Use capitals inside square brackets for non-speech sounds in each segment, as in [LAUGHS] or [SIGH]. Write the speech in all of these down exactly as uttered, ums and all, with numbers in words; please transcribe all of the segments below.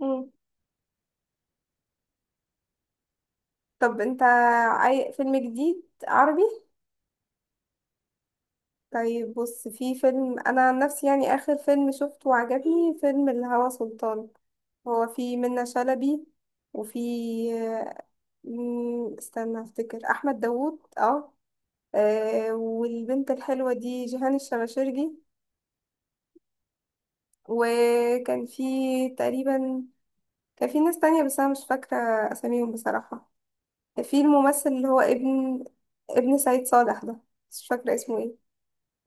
مم. طب انت عاي... فيلم جديد عربي؟ طيب بص، في فيلم، انا عن نفسي يعني اخر فيلم شفته وعجبني فيلم الهوى سلطان. هو في منة شلبي، وفي مم، استنى افتكر، احمد داوود. اه. آه، والبنت الحلوة دي جيهان الشماشرجي. وكان في تقريبا، كان في ناس تانية بس انا مش فاكرة اساميهم بصراحة. في الممثل اللي هو ابن ابن سعيد صالح ده، مش فاكرة اسمه ايه،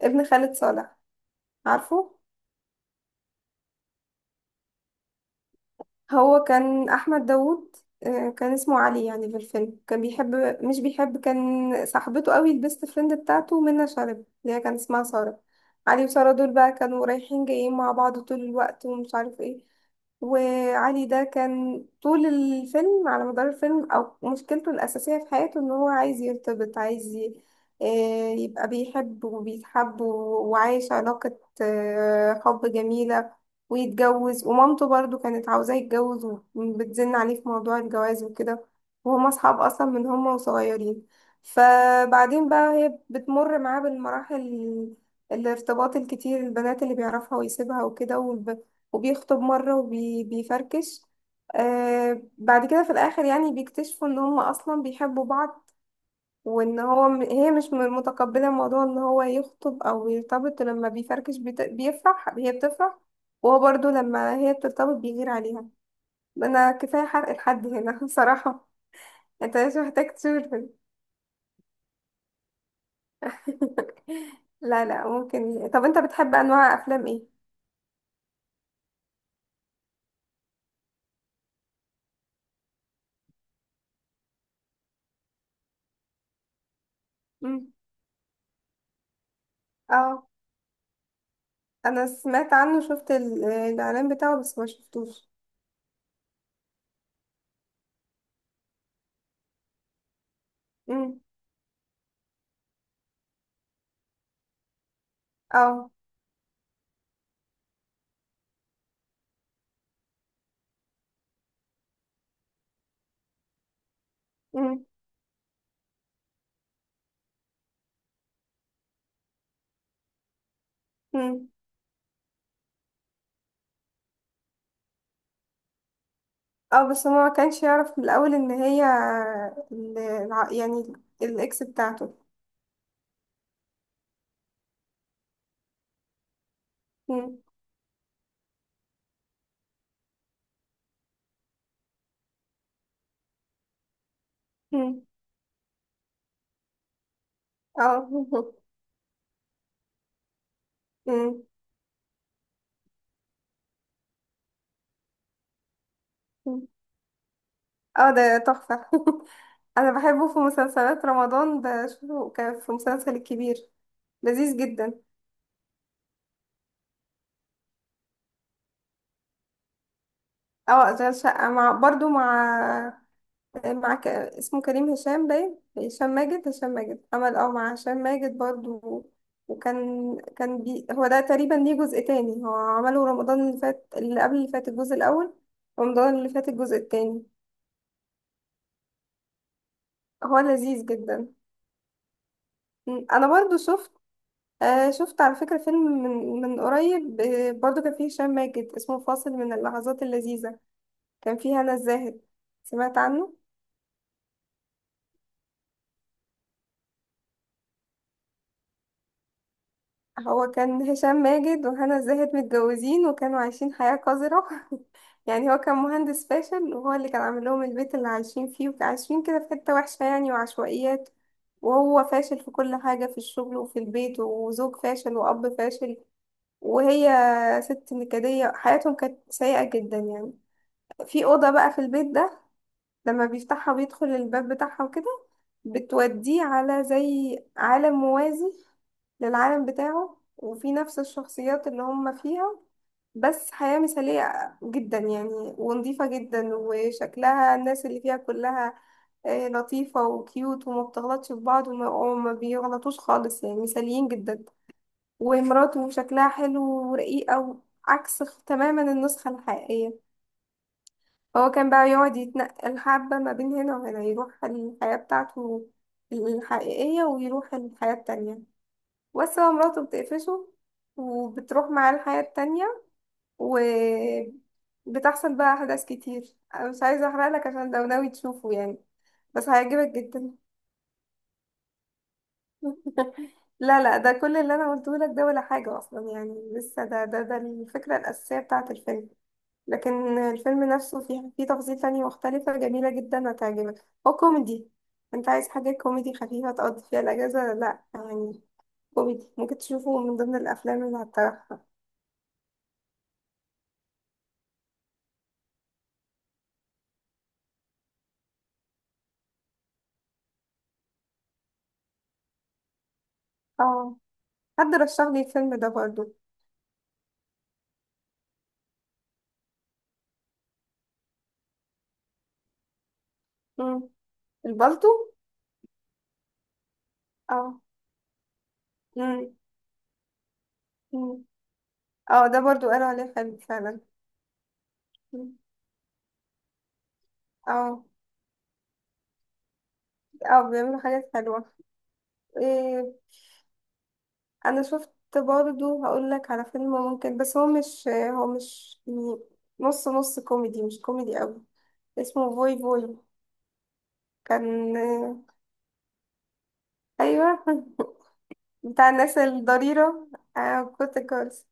ابن خالد صالح. عارفه؟ هو كان احمد داوود. آه، كان اسمه علي يعني في الفيلم. كان بيحب، مش بيحب، كان صاحبته قوي، البيست فريند بتاعته منى شلبي اللي هي كان اسمها سارة. علي وسارة دول بقى كانوا رايحين جايين مع بعض طول الوقت ومش عارف ايه. وعلي ده كان طول الفيلم، على مدار الفيلم، او مشكلته الاساسيه في حياته ان هو عايز يرتبط، عايز ي- آه، يبقى بيحب وبيتحب و- وعايش علاقه آه، حب جميله، ويتجوز. ومامته برضو كانت عاوزاه يتجوز وبتزن عليه في موضوع الجواز وكده، وهما اصحاب اصلا من هما وصغيرين. فبعدين بقى هي بتمر معاه بالمراحل، الارتباط الكتير، البنات اللي بيعرفها ويسيبها وكده، وب... وبيخطب مرة وبيفركش. آه بعد كده في الآخر يعني بيكتشفوا إن هما أصلا بيحبوا بعض، وان هو م- هي مش م- متقبله موضوع ان هو يخطب او يرتبط. لما بيفركش بت- بيفرح، هي بتفرح. وهو برضو لما هي بترتبط بيغير عليها. انا كفايه حرق الحد هنا [LAUGHS] بصراحه. انت مش محتاج تشوفه. [LAUGHS] لا لا، ممكن. طب انت بتحب انواع افلام ايه؟ مم. اه، انا سمعت عنه، شفت ال- الاعلان بتاعه بس ما شفتوش. مم. اه. مم. مم. اه، بس هو ما كانش يعرف من الاول ان هي ال- الع- يعني الاكس بتاعته. مم. مم. اه [LAUGHS] مم. مم. اه، ده تحفة [LAUGHS] انا بحبه في مسلسلات رمضان، بشوفه كان في مسلسل الكبير، لذيذ جدا. اه، اشغال شقة مع برضو مع مع ك... اسمه كريم هشام، باين هشام ماجد. هشام ماجد عمل اه مع هشام ماجد برضو. وكان، كان بي... هو ده تقريبا ليه جزء تاني، هو عمله رمضان اللي فات اللي قبل اللي فات، الجزء الأول. رمضان اللي فات الجزء التاني. هو لذيذ جدا. م، أنا برضو شفت، آه شفت على فكرة فيلم من من قريب، آه، برضو كان فيه هشام ماجد، اسمه فاصل من اللحظات اللذيذة. كان فيه هنا الزاهد. سمعت عنه؟ هو كان هشام ماجد وهنا الزاهد متجوزين، وكانوا عايشين حياة قذرة. [LAUGHS] يعني هو كان مهندس فاشل، وهو اللي كان عامل لهم البيت اللي عايشين فيه، وكان عايشين كده في حتة وحشة يعني، وعشوائيات. وهو فاشل في كل حاجة، في الشغل وفي البيت، وزوج فاشل وأب فاشل. وهي ست نكدية، حياتهم كانت سيئة جدا يعني. في أوضة بقى في البيت ده، لما بيفتحها وبيدخل الباب بتاعها وكده، بتوديه على زي عالم موازي للعالم بتاعه، وفي نفس الشخصيات اللي هم فيها، بس حياة مثالية جدا يعني، ونظيفة جدا، وشكلها الناس اللي فيها كلها آه، لطيفة وكيوت، وما بتغلطش في بعض، وما وما بيغلطوش خالص، يعني مثاليين جدا. ومراته شكلها حلو، ورقيقة، عكس تماما النسخة الحقيقية. هو كان بقى يقعد يتنقل حبة ما بين هنا وهنا، يروح الحياة بتاعته الحقيقية ويروح الحياة التانية. بس هو مراته بتقفشه، وبتروح معاه الحياة التانية. وبتحصل بقى أحداث كتير، أنا مش عايزة أحرقلك عشان لو ناوي تشوفه يعني. بس هيعجبك جدا. [LAUGHS] لا لا، ده كل اللي أنا قلته لك ده ولا حاجة أصلا يعني. لسه ده ده ده الفكرة الأساسية بتاعة الفيلم. لكن الفيلم نفسه فيه فيه تفاصيل تانية مختلفة جميلة جدا، هتعجبك، هو كوميدي. انت عايز حاجة كوميدي خفيفة تقضي فيها الأجازة، لا يعني كوميدي، ممكن تشوفه من ضمن الأفلام اللي هتطرحها. اه، حد رشح لي الفيلم ده برضو. مم. البالتو. اه. مم. مم. اه، ده برضو قالوا عليه حلو فعلا. مم. اه. اه، بيعملوا حاجات حلوة. إيه، انا شفت، برضو هقول لك على فيلم، ممكن، بس هو مش هو مش يعني، نص نص، كوميدي مش كوميدي قوي. اسمه فوي فوي. كان، ايوه [LAUGHS] بتاع الناس الضريرة. آه، كنت كارس.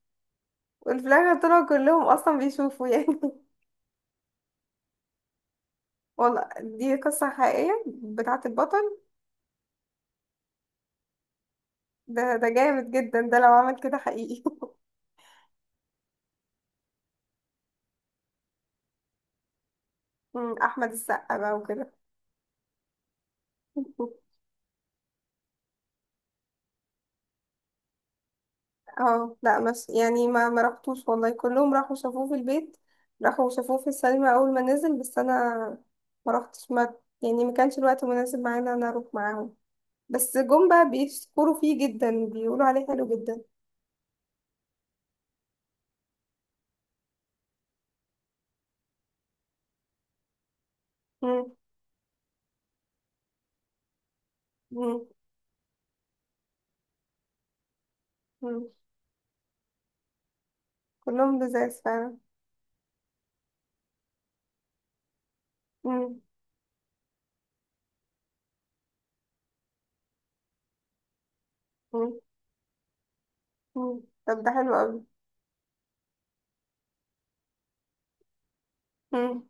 وفي الآخر طلعوا كلهم أصلا بيشوفوا يعني [LAUGHS] والله دي قصة حقيقية بتاعة البطل. ده ده جامد جدا، ده لو عمل كده حقيقي. [LAUGHS] أحمد السقا بقى وكده [LAUGHS] اه لا، بس يعني ما ما رحتوش، والله كلهم راحوا شافوه في البيت، راحوا شافوه في السينما اول ما نزل. بس انا ما رحتش، ما يعني ما كانش الوقت مناسب معايا ان انا اروح معاهم. بس جم بقى بيشكروا فيه جدا، بيقولوا عليه حلو جدا. مم. مم. مم. كلهم لذاذ فعلا. مم. مم. مم. طب ده حلو قوي. مم.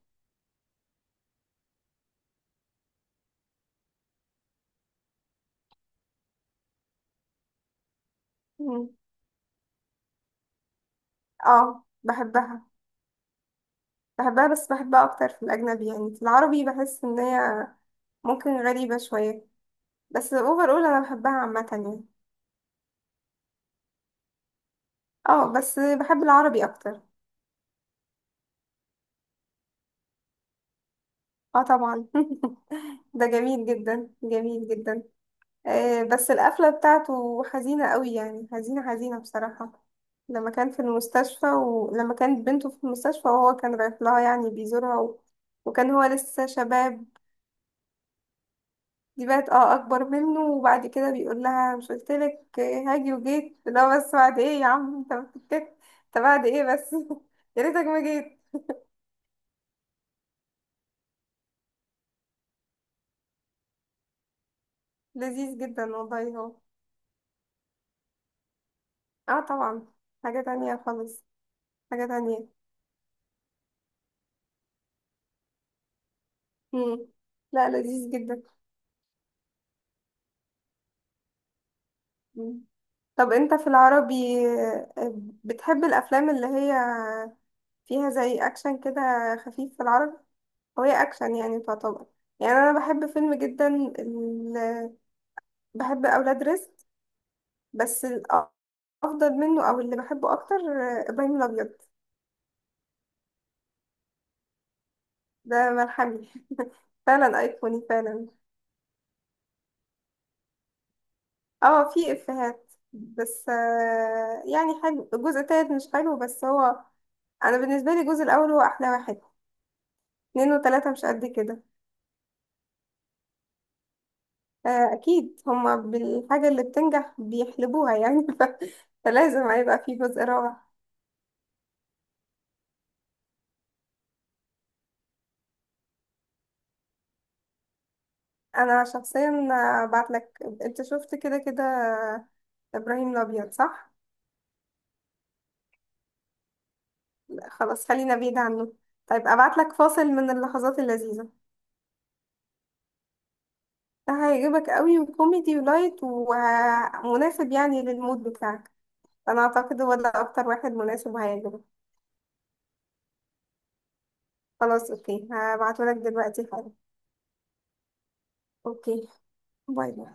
مم. اه، بحبها. بحبها بس بحبها اكتر في الاجنبي، يعني في العربي بحس ان هي ممكن غريبة شوية، بس اوفر اول، انا بحبها عامة يعني. اه، بس بحب العربي اكتر. اه طبعا [LAUGHS] ده جميل جدا، جميل جدا. آه بس القفلة بتاعته حزينة قوي يعني، حزينة حزينة بصراحة. لما كان في المستشفى، ولما كانت بنته في المستشفى وهو كان رايح لها يعني بيزورها و... وكان هو لسه شباب، دي بقت اه اكبر منه. وبعد كده بيقول لها مش قلتلك هاجي وجيت؟ لا، بس بعد ايه يا عم، انت بتتك- انت بعد ايه بس. [LAUGHS] يا ريتك ما جيت. لذيذ جدا والله هو. اه طبعا. حاجة تانية خالص. حاجة تانية. مم. لا، لذيذ جدا. مم. طب انت في العربي، آه، بتحب الافلام اللي هي فيها زي اكشن كده، خفيف؟ في العربي، هو هي اكشن يعني تعتبر، يعني انا بحب فيلم جدا، ال... بحب اولاد رزق. بس الافضل منه او اللي بحبه اكتر آه، ابراهيم الابيض. ده ملحمي [LAUGHS] فعلا ايقوني فعلا. اه، في افيهات بس آه، يعني حلو. الجزء التالت مش حلو، بس هو انا بالنسبه لي الجزء الاول هو احلى واحد، اتنين وتلاته مش قد كده. آه، اكيد هما بالحاجه اللي بتنجح بيحلبوها يعني [LAUGHS] ف- فلازم هيبقى في جزء رابع. انا شخصيا بعت لك، انت شفت كده كده ابراهيم الابيض، صح؟ لا، خلاص خلينا بعيد عنه. طيب ابعت لك فاصل من اللحظات اللذيذه، ده هيعجبك قوي، وكوميدي ولايت ومناسب يعني للمود بتاعك. انا اعتقد هو ده اكتر واحد مناسب وهيعجبك. خلاص، اوكي، هبعتهولك دلوقتي حالا. اوكي. باي باي.